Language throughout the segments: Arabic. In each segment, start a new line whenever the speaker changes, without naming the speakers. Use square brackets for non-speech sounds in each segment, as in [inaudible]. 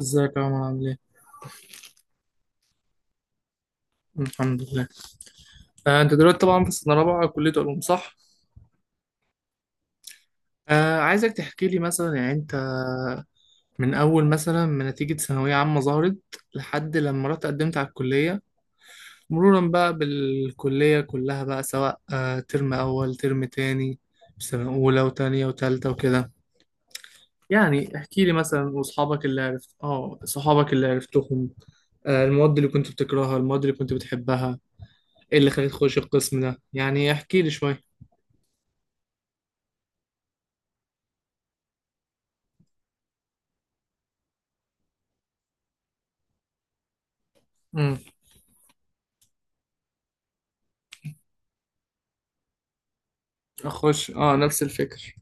ازيك يا عمر عامل ايه؟ الحمد لله. انت دلوقتي طبعا في سنة رابعة كلية علوم صح؟ آه، عايزك تحكي لي مثلا يعني انت من اول مثلا ما نتيجة ثانوية عامة ظهرت لحد لما رحت قدمت على الكلية، مرورا بقى بالكلية كلها بقى، سواء ترم اول ترم تاني سنة اولى وتانية وتالتة وكده. يعني احكي لي مثلا واصحابك اللي عرفت، صحابك اللي عرفتهم، آه المواد اللي كنت بتكرهها المواد اللي كنت بتحبها، ايه اللي خلاك تخش القسم ده. يعني احكي لي شوية. امم. اخش، اه، نفس الفكر.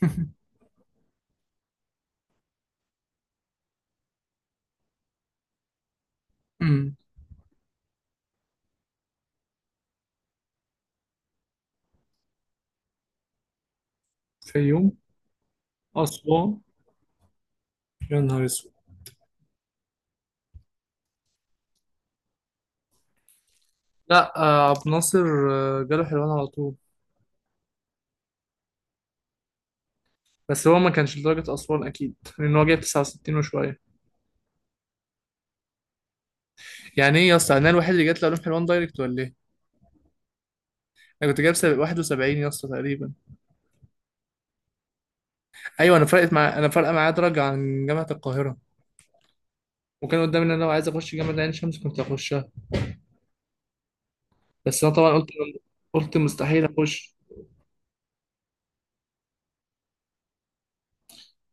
[laughs] امم. فيوم. اسوان. يا نهار اسود. لا آه، عبد الناصر جاله حلوان على طول. بس هو ما كانش لدرجة أسوان أكيد لأن هو جايب 69 وشوية. يعني إيه يا اسطى، أنا الوحيد اللي جات له علوم حلوان دايركت ولا إيه؟ أنا كنت جايب 71 يا اسطى تقريبا. أيوه، أنا فرقت مع، أنا فارقة معايا درجة عن جامعة القاهرة، وكان قدامي إن أنا لو عايز أخش جامعة عين شمس كنت هخشها، بس أنا طبعا قلت، قلت مستحيل أخش.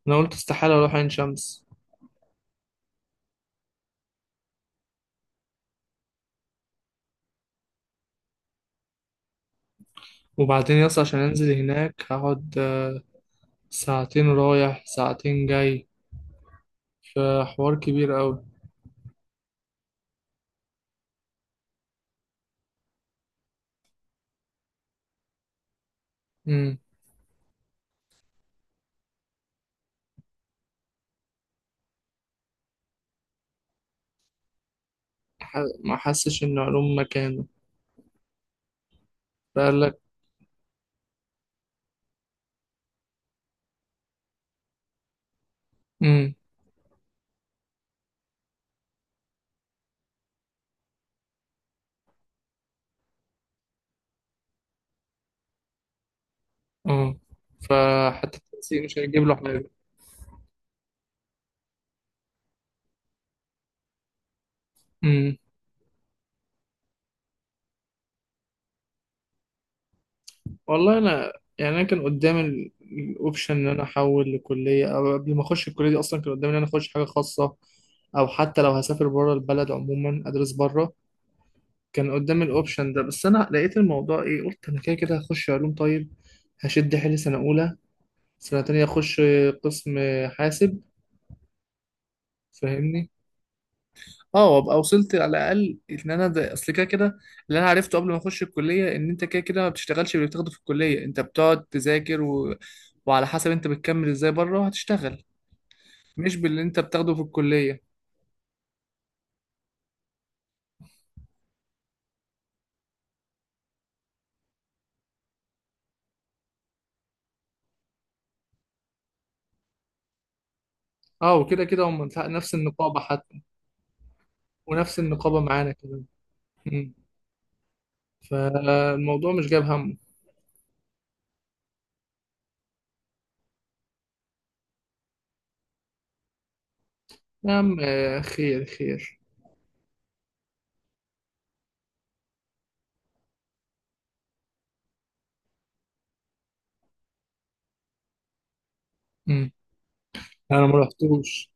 أنا قلت استحالة أروح عين شمس. وبعدين يا اسطى عشان أنزل هناك هقعد ساعتين رايح ساعتين جاي، فحوار كبير أوي. امم. ح- ما حسش إن علوم مكانه. فقال لك. امم. اه، فحتى التنسيق مش هيجيب له حاجة. امم. والله أنا، يعني أنا كان قدامي الأوبشن إن أنا أحول لكلية، أو قبل ما أخش الكلية دي أصلا كان قدامي إن أنا أخش حاجة خاصة، أو حتى لو هسافر بره البلد عموما أدرس بره. كان قدامي الأوبشن ده، بس أنا لقيت الموضوع إيه، قلت أنا كده كده هخش علوم. طيب، هشد حيلي سنة أولى، سنة تانية أخش قسم حاسب. فاهمني؟ اه، وابقى وصلت على الأقل إن أنا ده أصل كده كده. اللي أنا عرفته قبل ما أخش الكلية إن أنت كده كده ما بتشتغلش باللي بتاخده في الكلية، أنت بتقعد تذاكر و... وعلى حسب أنت بتكمل إزاي بره هتشتغل، مش باللي أنت بتاخده في الكلية. اه، وكده كده هم نفس النقابة حتى. ونفس النقابة معانا كمان. مم. فالموضوع مش جاب همه. يا عم آه، خير خير. مم. أنا ما رحتوش.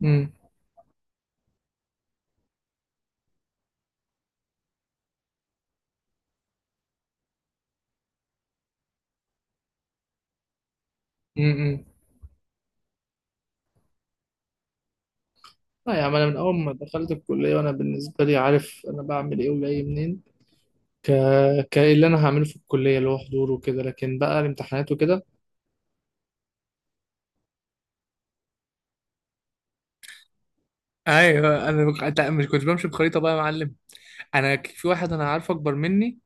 مم. مم. لا يا عم، انا من اول ما دخلت الكليه وانا بالنسبه لي عارف انا بعمل ايه وجاي منين. ك ك اللي انا هعمله في الكليه اللي هو حضور وكده، لكن بقى الامتحانات وكده. ايوه انا أنت مش كنت بمشي بخريطه بقى يا معلم؟ انا في واحد انا عارفه اكبر مني،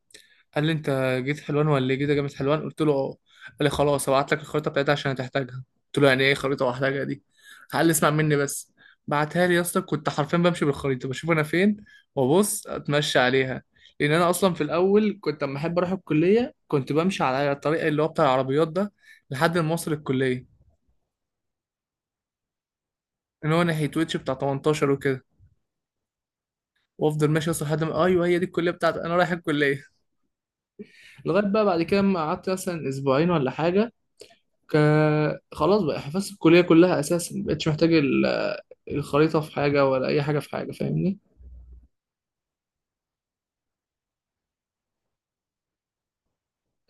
قال لي انت جيت حلوان ولا ايه؟ جيت جامعة حلوان، قلت له اه. قال لي خلاص هبعت لك الخريطه بتاعتها عشان هتحتاجها، قلت له يعني ايه خريطه واحتاجها دي؟ قال لي اسمع مني بس. بعتها لي يا اسطى، كنت حرفيا بمشي بالخريطه بشوف انا فين وابص اتمشى عليها. لان انا اصلا في الاول كنت لما احب اروح الكليه كنت بمشي على الطريق اللي هو بتاع العربيات ده لحد ما اوصل الكليه. ان هو ناحيه ويتش بتاع 18 وكده. وافضل ماشي اصلا لحد ما ايوه هي دي الكليه بتاعتي انا رايح الكليه. لغايه بقى بعد كده ما قعدت مثلا اسبوعين ولا حاجه، ك... خلاص بقى حفظت الكلية كلها أساسا، ما بقتش محتاج الخريطة في حاجة ولا أي حاجة في حاجة. فاهمني؟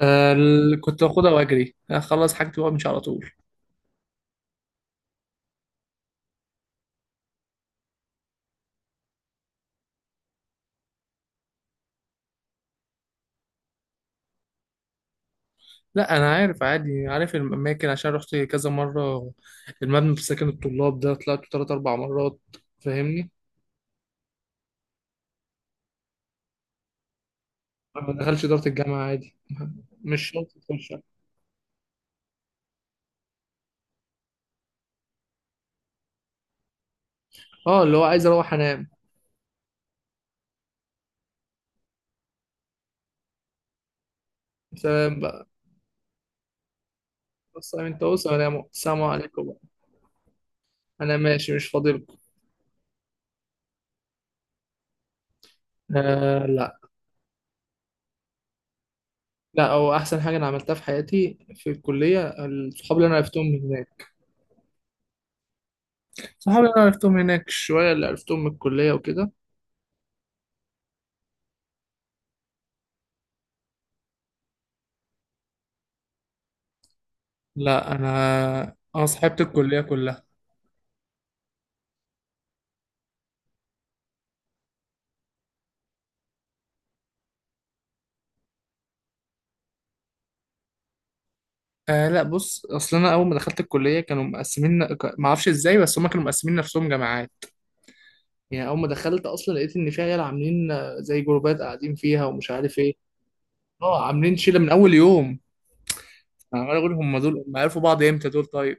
آه كنت باخدها وأجري أخلص حاجتي وأمشي على طول. لا أنا عارف عادي، عارف الأماكن عشان رحت كذا مرة. المبنى في سكن الطلاب ده طلعت تلات أربع مرات. فاهمني؟ ما دخلش إدارة الجامعة عادي، مش شرط تخش. اه، اللي هو عايز أروح أنام. سلام بقى. بص أنت، وسلام، السلام عليكم بقى. أنا ماشي مش فاضلكم. آه لا. لا، هو احسن حاجه انا عملتها في حياتي في الكليه، الصحاب اللي انا عرفتهم من هناك. صحاب اللي انا عرفتهم من هناك شويه، اللي عرفتهم من الكليه وكده. لا انا، انا صاحبت الكليه كلها. آه لا، بص، اصل انا اول ما دخلت الكليه كانوا مقسمين. ما اعرفش ازاي، بس هم كانوا مقسمين نفسهم جماعات. يعني اول ما دخلت اصلا لقيت ان في عيال عاملين آه، زي جروبات قاعدين فيها ومش عارف ايه. اه، عاملين شله من اول يوم. انا عمال اقول هم دول ما عرفوا بعض امتى دول طيب.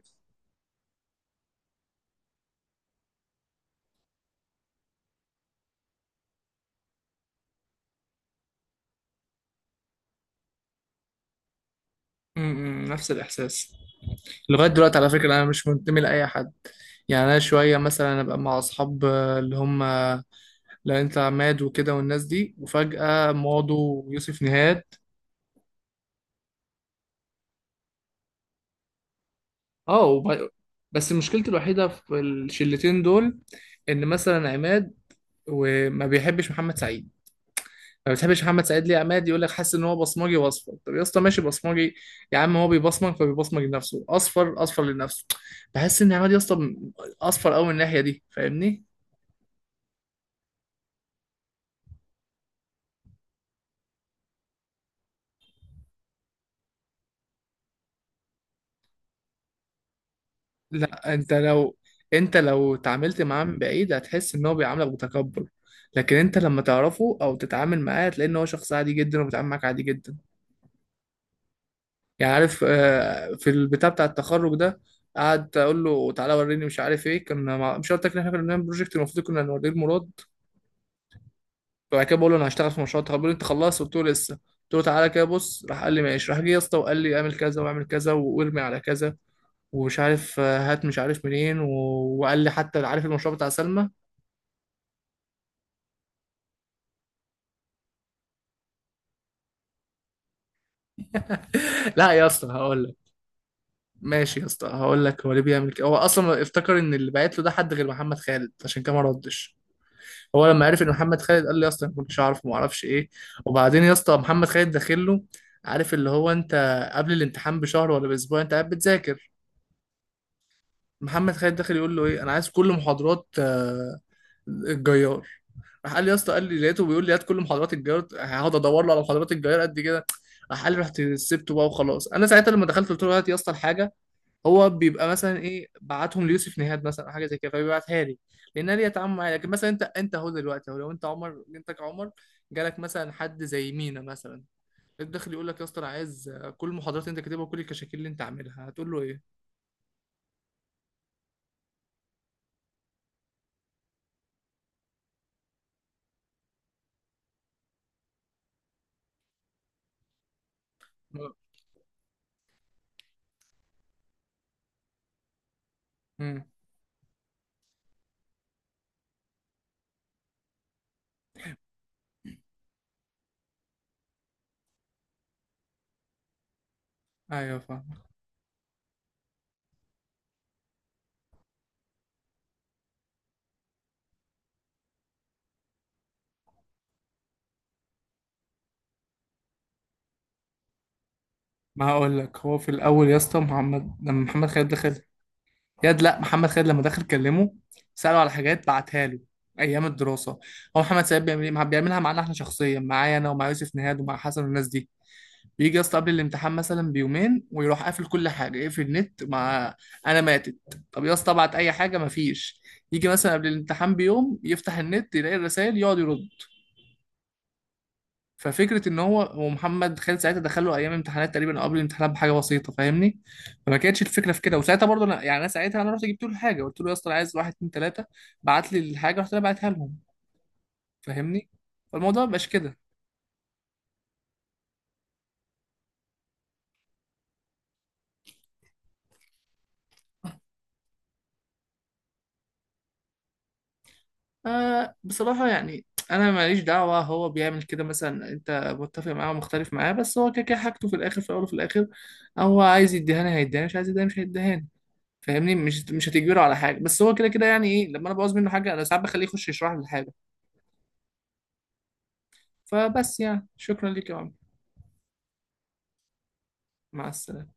م- م، نفس الاحساس. لغاية دلوقتي على فكرة أنا مش منتمي لأي حد. يعني أنا شوية مثلا أبقى مع أصحاب آه، اللي هم لا أنت عماد وكده والناس دي، وفجأة ماضو ويوسف نهاد. اه بس مشكلتي الوحيدة في الشلتين دول إن مثلا عماد وما بيحبش محمد سعيد. ما بتحبش محمد سعيد ليه يا عماد؟ يقول لك حاسس ان هو بصمجي واصفر. طب يا اسطى ماشي بصمجي، يا عم هو بيبصمج فبيبصمج لنفسه، اصفر اصفر لنفسه. بحس ان عماد يا اسطى اصفر قوي من الناحيه دي، فاهمني؟ لا انت لو، انت لو تعاملت معاه من بعيد هتحس ان هو بيعاملك بتكبر، لكن انت لما تعرفه او تتعامل معاه هتلاقي ان هو شخص عادي جدا وبيتعامل معاك عادي جدا. يعني عارف آه، في البتاع بتاع التخرج ده، قعد اقول له تعالى وريني مش عارف ايه، كنا مع... مش قلت لك ان احنا كنا بنعمل بروجكت المفروض كنا نوريه لمراد؟ فبعد كده بقول له انا هشتغل في مشروع التخرج، بيقول لي انت خلصت؟ قلت له لسه، قلت له تعالى كده بص. راح قال لي ماشي، راح جه يا اسطى وقال لي اعمل كذا واعمل كذا وارمي على كذا، ومش عارف آه، هات مش عارف منين و... وقال لي حتى عارف المشروع بتاع سلمى. [laughs] لا يا اسطى هقول لك. ماشي يا اسطى هقول لك هو ليه بيعمل كده. هو اصلا افتكر ان اللي بعت له ده حد غير محمد خالد عشان كده ما ردش. هو لما عرف ان محمد خالد قال لي يا اسطى أنا ما كنتش اعرف، ما اعرفش ايه. وبعدين يا اسطى محمد خالد داخل له، عارف اللي هو انت قبل الامتحان بشهر ولا باسبوع انت قاعد بتذاكر، محمد خالد داخل يقول له ايه، انا عايز كل محاضرات آه، الجيار. راح قال لي يا اسطى، قال لي لقيته بيقول لي هات كل محاضرات الجيار، هقعد ادور له على محاضرات الجيار قد كده؟ راح قال لي رحت سبته بقى وخلاص. انا ساعتها لما دخلت قلت له هات يا اسطى الحاجه، هو بيبقى مثلا ايه بعتهم ليوسف نيهاد مثلا او حاجه زي كده فبيبعتها لي لانها ليها تعامل معايا. لكن مثلا انت، انت اهو دلوقتي اهو لو انت عمر، انت كعمر جالك مثلا حد زي مينا مثلا الداخل يقول لك يا اسطى انا عايز كل المحاضرات اللي انت كاتبها وكل الكشاكيل اللي انت عاملها، هتقول له ايه؟ امم. ايوه فاهم. ما هقول لك، هو في الاول يا اسطى محمد، لما محمد خالد دخل، ياد لا، محمد خالد لما دخل كلمه ساله على حاجات بعتها له ايام الدراسه. هو محمد سيد بيعمل إيه؟ بيعملها معانا احنا شخصيا، معايا انا ومع يوسف نهاد ومع حسن والناس دي، بيجي يا اسطى قبل الامتحان مثلا بيومين ويروح قافل كل حاجه، يقفل النت مع. انا ماتت. طب يا اسطى ابعت اي حاجه، مفيش. يجي مثلا قبل الامتحان بيوم يفتح النت يلاقي الرسائل يقعد يرد. ففكره ان هو ومحمد خالد ساعتها دخله ايام امتحانات تقريبا أو قبل الامتحانات بحاجه بسيطه، فاهمني؟ فما كانتش الفكره في كده. وساعتها برضه انا، يعني انا ساعتها انا رحت جبت له الحاجه، قلت له يا اسطى أنا عايز واحد اتنين تلاته، بعت لي الحاجه رحت انا بعتها لهم. فاهمني؟ فالموضوع مبقاش كده. آه بصراحة يعني، أنا ماليش دعوة هو بيعمل كده مثلا. أنت متفق معاه ومختلف معاه، بس هو كده كده حاجته في الآخر، في الأول وفي الآخر. هو عايز يديهاني هيديهاني، مش عايز يديهاني مش هيديهاني. فاهمني؟ مش هتجبره على حاجة. بس هو كده كده، يعني إيه، لما أنا بعوز منه حاجة أنا ساعات بخليه يخش يشرح لي الحاجة. فبس، يعني شكرا ليك يا عمرو. مع السلامة.